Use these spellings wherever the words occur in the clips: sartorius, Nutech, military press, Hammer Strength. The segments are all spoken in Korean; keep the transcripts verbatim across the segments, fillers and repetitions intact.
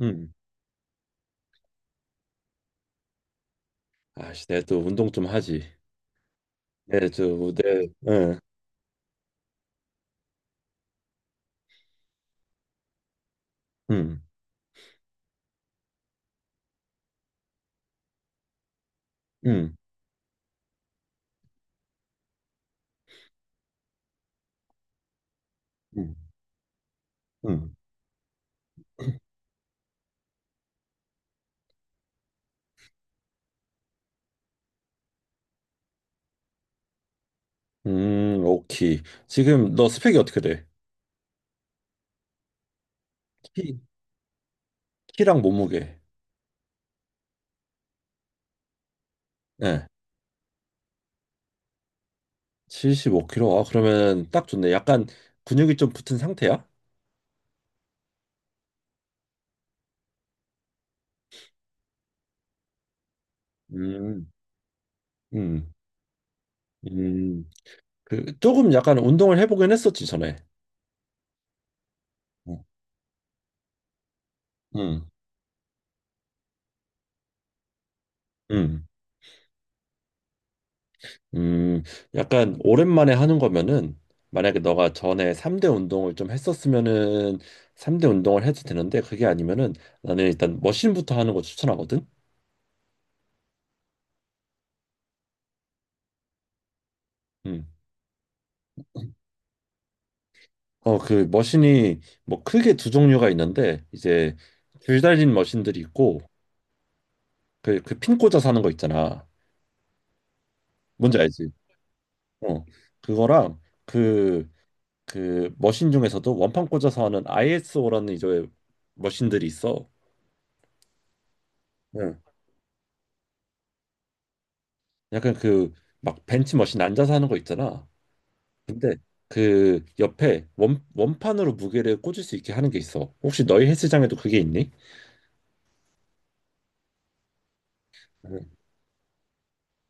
음. 아씨, 내가 또 운동 좀 하지. 네, 저, 내, 예. 음. 음. 음. 음. 음. 오케이. 지금 너 스펙이 어떻게 돼? 키, 키랑 몸무게. 예, 칠십오 킬로그램. 아, 그러면 딱 좋네. 약간 근육이 좀 붙은 상태야? 음. 음. 음. 그, 조금 약간 운동을 해보긴 했었지, 전에. 어. 음. 음. 음, 약간 오랜만에 하는 거면은 만약에 너가 전에 삼대 운동을 좀 했었으면은 삼대 운동을 해도 되는데 그게 아니면은 나는 일단 머신부터 하는 거 추천하거든. 음. 어, 그 머신이 뭐 크게 두 종류가 있는데 이제 줄 달린 머신들이 있고 그 그 핀 꽂아서 하는 거 있잖아. 뭔지 알지? 어. 그거랑 그 그 머신 중에서도 원판 꽂아서 하는 아이에스오라는 이제 머신들이 있어. 응. 약간 그 막 벤치머신 앉아서 하는 거 있잖아. 근데 그 옆에 원 원판으로 무게를 꽂을 수 있게 하는 게 있어. 혹시 너희 헬스장에도 그게 있니? 음.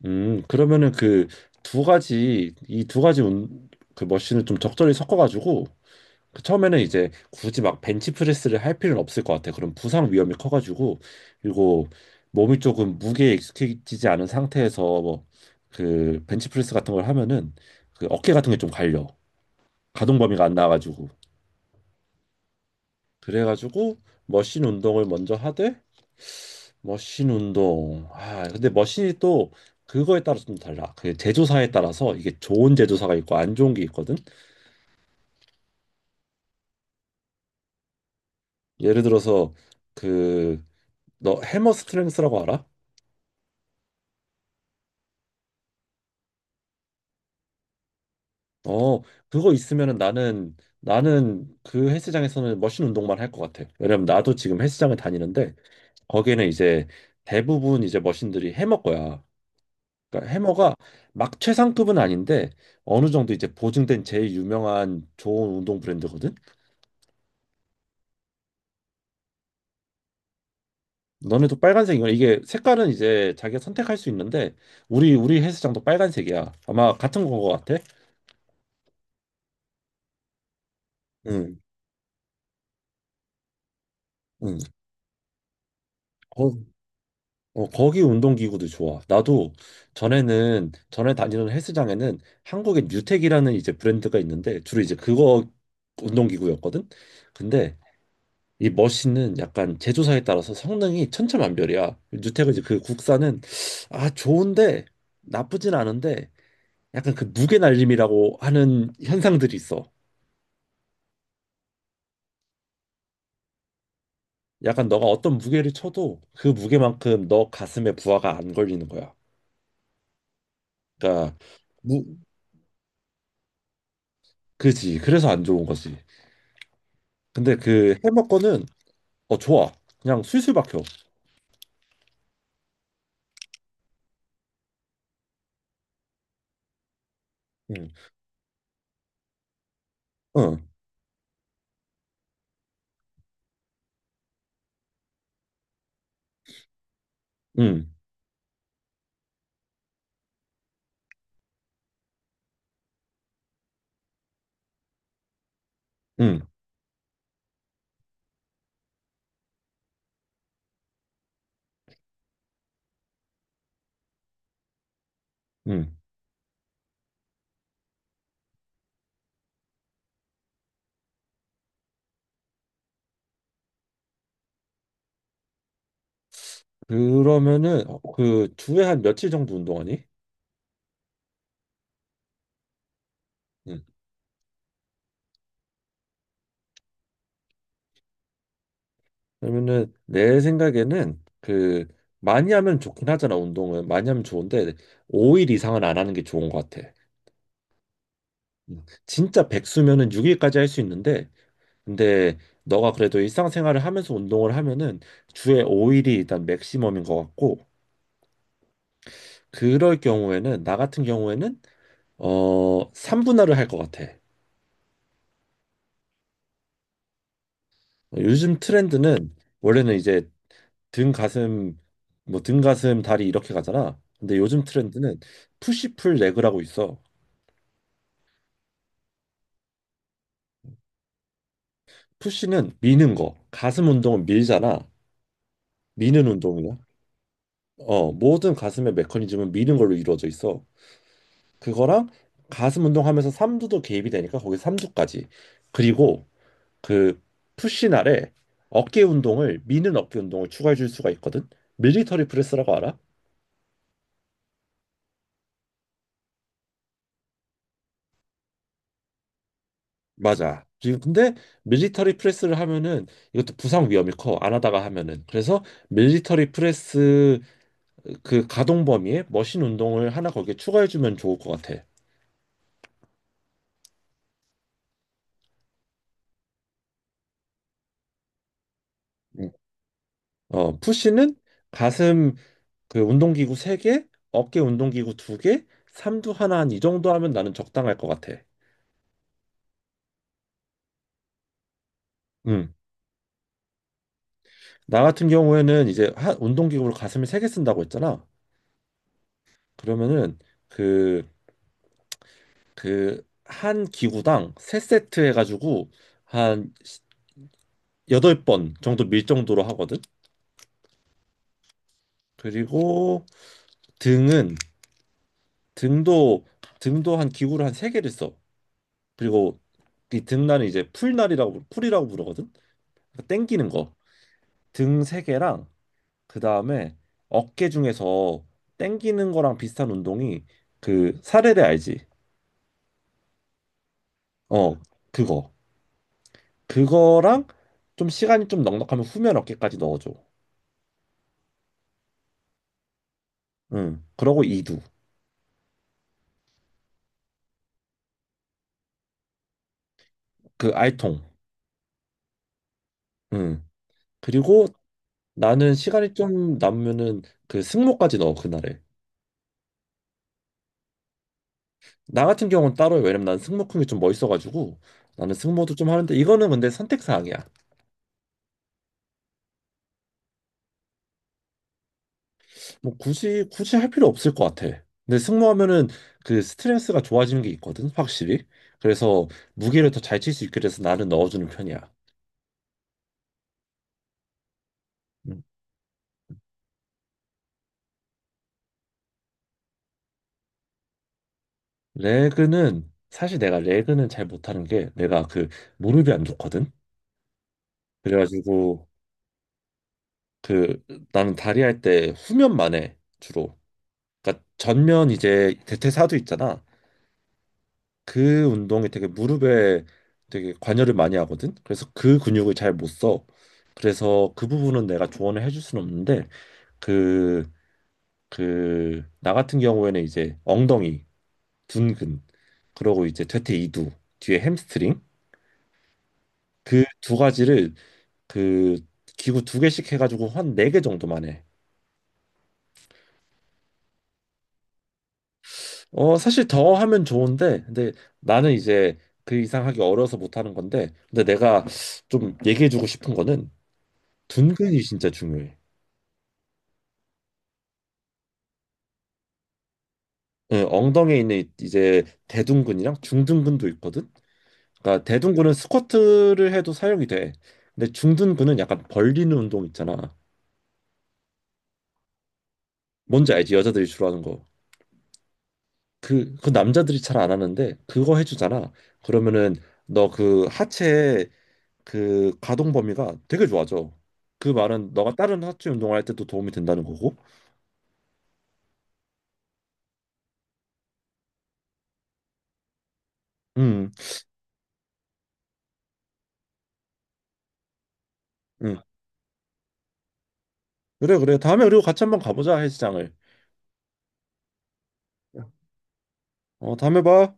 음, 그러면은 그 두 가지 이 두 가지 운, 그 머신을 좀 적절히 섞어가지고 그 처음에는 이제 굳이 막 벤치프레스를 할 필요는 없을 것 같아. 그럼 부상 위험이 커가지고, 그리고 몸이 조금 무게에 익숙해지지 않은 상태에서 뭐 그 벤치프레스 같은 걸 하면은 그 어깨 같은 게 좀 갈려. 가동 범위가 안 나와가지고 그래가지고 머신 운동을 먼저 하되, 머신 운동 아 근데 머신이 또 그거에 따라서 좀 달라. 그 제조사에 따라서 이게 좋은 제조사가 있고 안 좋은 게 있거든. 예를 들어서 그 너 해머 스트렝스라고 알아? 어, 그거 있으면은 나는 나는 그 헬스장에서는 머신 운동만 할 것 같아. 왜냐면 나도 지금 헬스장을 다니는데 거기는 이제 대부분 이제 머신들이 해머 거야. 그러니까 해머가 막 최상급은 아닌데 어느 정도 이제 보증된 제일 유명한 좋은 운동 브랜드거든. 너네도 빨간색 이거 이게, 색깔은 이제 자기가 선택할 수 있는데 우리 우리 헬스장도 빨간색이야. 아마 같은 거 같아. 응. 응. 거, 어, 거기 운동기구도 좋아. 나도 전에는 전에 다니는 헬스장에는 한국의 뉴텍이라는 이제 브랜드가 있는데 주로 이제 그거 운동기구였거든. 근데 이 머신은 약간 제조사에 따라서 성능이 천차만별이야. 누테크 이제 그 국산은 아 좋은데, 나쁘진 않은데 약간 그 무게 날림이라고 하는 현상들이 있어. 약간 너가 어떤 무게를 쳐도 그 무게만큼 너 가슴에 부하가 안 걸리는 거야. 그러니까 무 그지. 그래서 안 좋은 거지. 근데 그 해머 거는 어 좋아. 그냥 술술 박혀. 응. 응. 응. 응. 응. 그러면은 그 주에 한 며칠 정도 운동하니? 응. 그러면은 내 생각에는 그 많이 하면 좋긴 하잖아. 운동은 많이 하면 좋은데 오 일 이상은 안 하는 게 좋은 것 같아. 음. 진짜 백수면은 육 일까지 할 수 있는데, 근데 너가 그래도 일상생활을 하면서 운동을 하면은 주에 오 일이 일단 맥시멈인 것 같고, 그럴 경우에는 나 같은 경우에는 어 삼 분할을 할 것 같아. 어, 요즘 트렌드는 원래는 이제 등 가슴 뭐 등 가슴 다리 이렇게 가잖아. 근데 요즘 트렌드는 푸시풀 레그라고 있어. 푸시는 미는 거. 가슴 운동은 밀잖아. 미는 운동이야. 어, 모든 가슴의 메커니즘은 미는 걸로 이루어져 있어. 그거랑 가슴 운동하면서 삼두도 개입이 되니까 거기 삼두까지. 그리고 그 푸시 날에 어깨 운동을 미는 어깨 운동을 추가해 줄 수가 있거든. 밀리터리 프레스라고 알아? 맞아. 지금 근데 밀리터리 프레스를 하면은 이것도 부상 위험이 커. 안 하다가 하면은. 그래서 밀리터리 프레스 그 가동 범위에 머신 운동을 하나 거기에 추가해 주면 좋을 것 같아. 음. 어, 푸시는 가슴 그 운동기구 세개, 어깨 운동기구 두개, 삼두 하나, 한 이 정도 하면 나는 적당할 것 같아. 음. 나 같은 경우에는 이제 한 운동기구를 가슴에 세 개 쓴다고 했잖아. 그러면은 그 그 한 기구당 세세트 해가지고 한 여덟 번 정도 밀 정도로 하거든. 그리고 등은 등도 등도 한 기구를 한 세개를 써. 그리고 이 등날은 이제 풀날이라고 풀이라고 부르거든. 그러니까 땡기는 거. 등 세 개랑 그다음에 어깨 중에서 땡기는 거랑 비슷한 운동이 그 사레레 알지? 어, 그거. 그거랑, 좀 시간이 좀 넉넉하면 후면 어깨까지 넣어줘. 응. 그러고 이두. 그 알통. 응. 그리고 나는 시간이 좀 남으면은 그 승모까지 넣어 그날에. 나 같은 경우는 따로 해. 왜냐면 난 승모 큰 게 좀 멋있어가지고 나는 승모도 좀 하는데 이거는 근데 선택 사항이야. 뭐 굳이 굳이 할 필요 없을 것 같아. 근데 승모하면은 그 스트레스가 좋아지는 게 있거든, 확실히. 그래서 무게를 더 잘 칠 수 있게 돼서 나는 넣어주는 편이야. 음. 레그는 사실 내가 레그는 잘 못하는 게, 내가 그 무릎이 안 좋거든. 그래가지고 그 나는 다리 할 때 후면만 해 주로. 그러니까 전면 이제 대퇴사두 있잖아. 그 운동이 되게 무릎에 되게 관여를 많이 하거든. 그래서 그 근육을 잘 못 써. 그래서 그 부분은 내가 조언을 해줄 수는 없는데, 그 그 나 같은 경우에는 이제 엉덩이, 둔근, 그러고 이제 퇴퇴 이두, 뒤에 햄스트링, 그 두 가지를 그 기구 두 개씩 해가지고 한 네 개 정도만 해. 어 사실 더 하면 좋은데 근데 나는 이제 그 이상 하기 어려워서 못 하는 건데, 근데 내가 좀 얘기해주고 싶은 거는 둔근이 진짜 중요해. 예, 엉덩이에 있는 이- 제 대둔근이랑 중둔근도 있거든. 그러니까 대둔근은 스쿼트를 해도 사용이 돼. 근데 중둔근은 약간 벌리는 운동 있잖아. 뭔지 알지? 여자들이 주로 하는 거. 그, 그 남자들이 잘 안 하는데 그거 해주잖아. 그러면은 너 그 하체의 그 가동 범위가 되게 좋아져. 그 말은 너가 다른 하체 운동할 때도 도움이 된다는 거고. 음. 음. 그래, 그래. 다음에 그리고 같이 한번 가보자, 헬스장을. 어, 다음에 봐.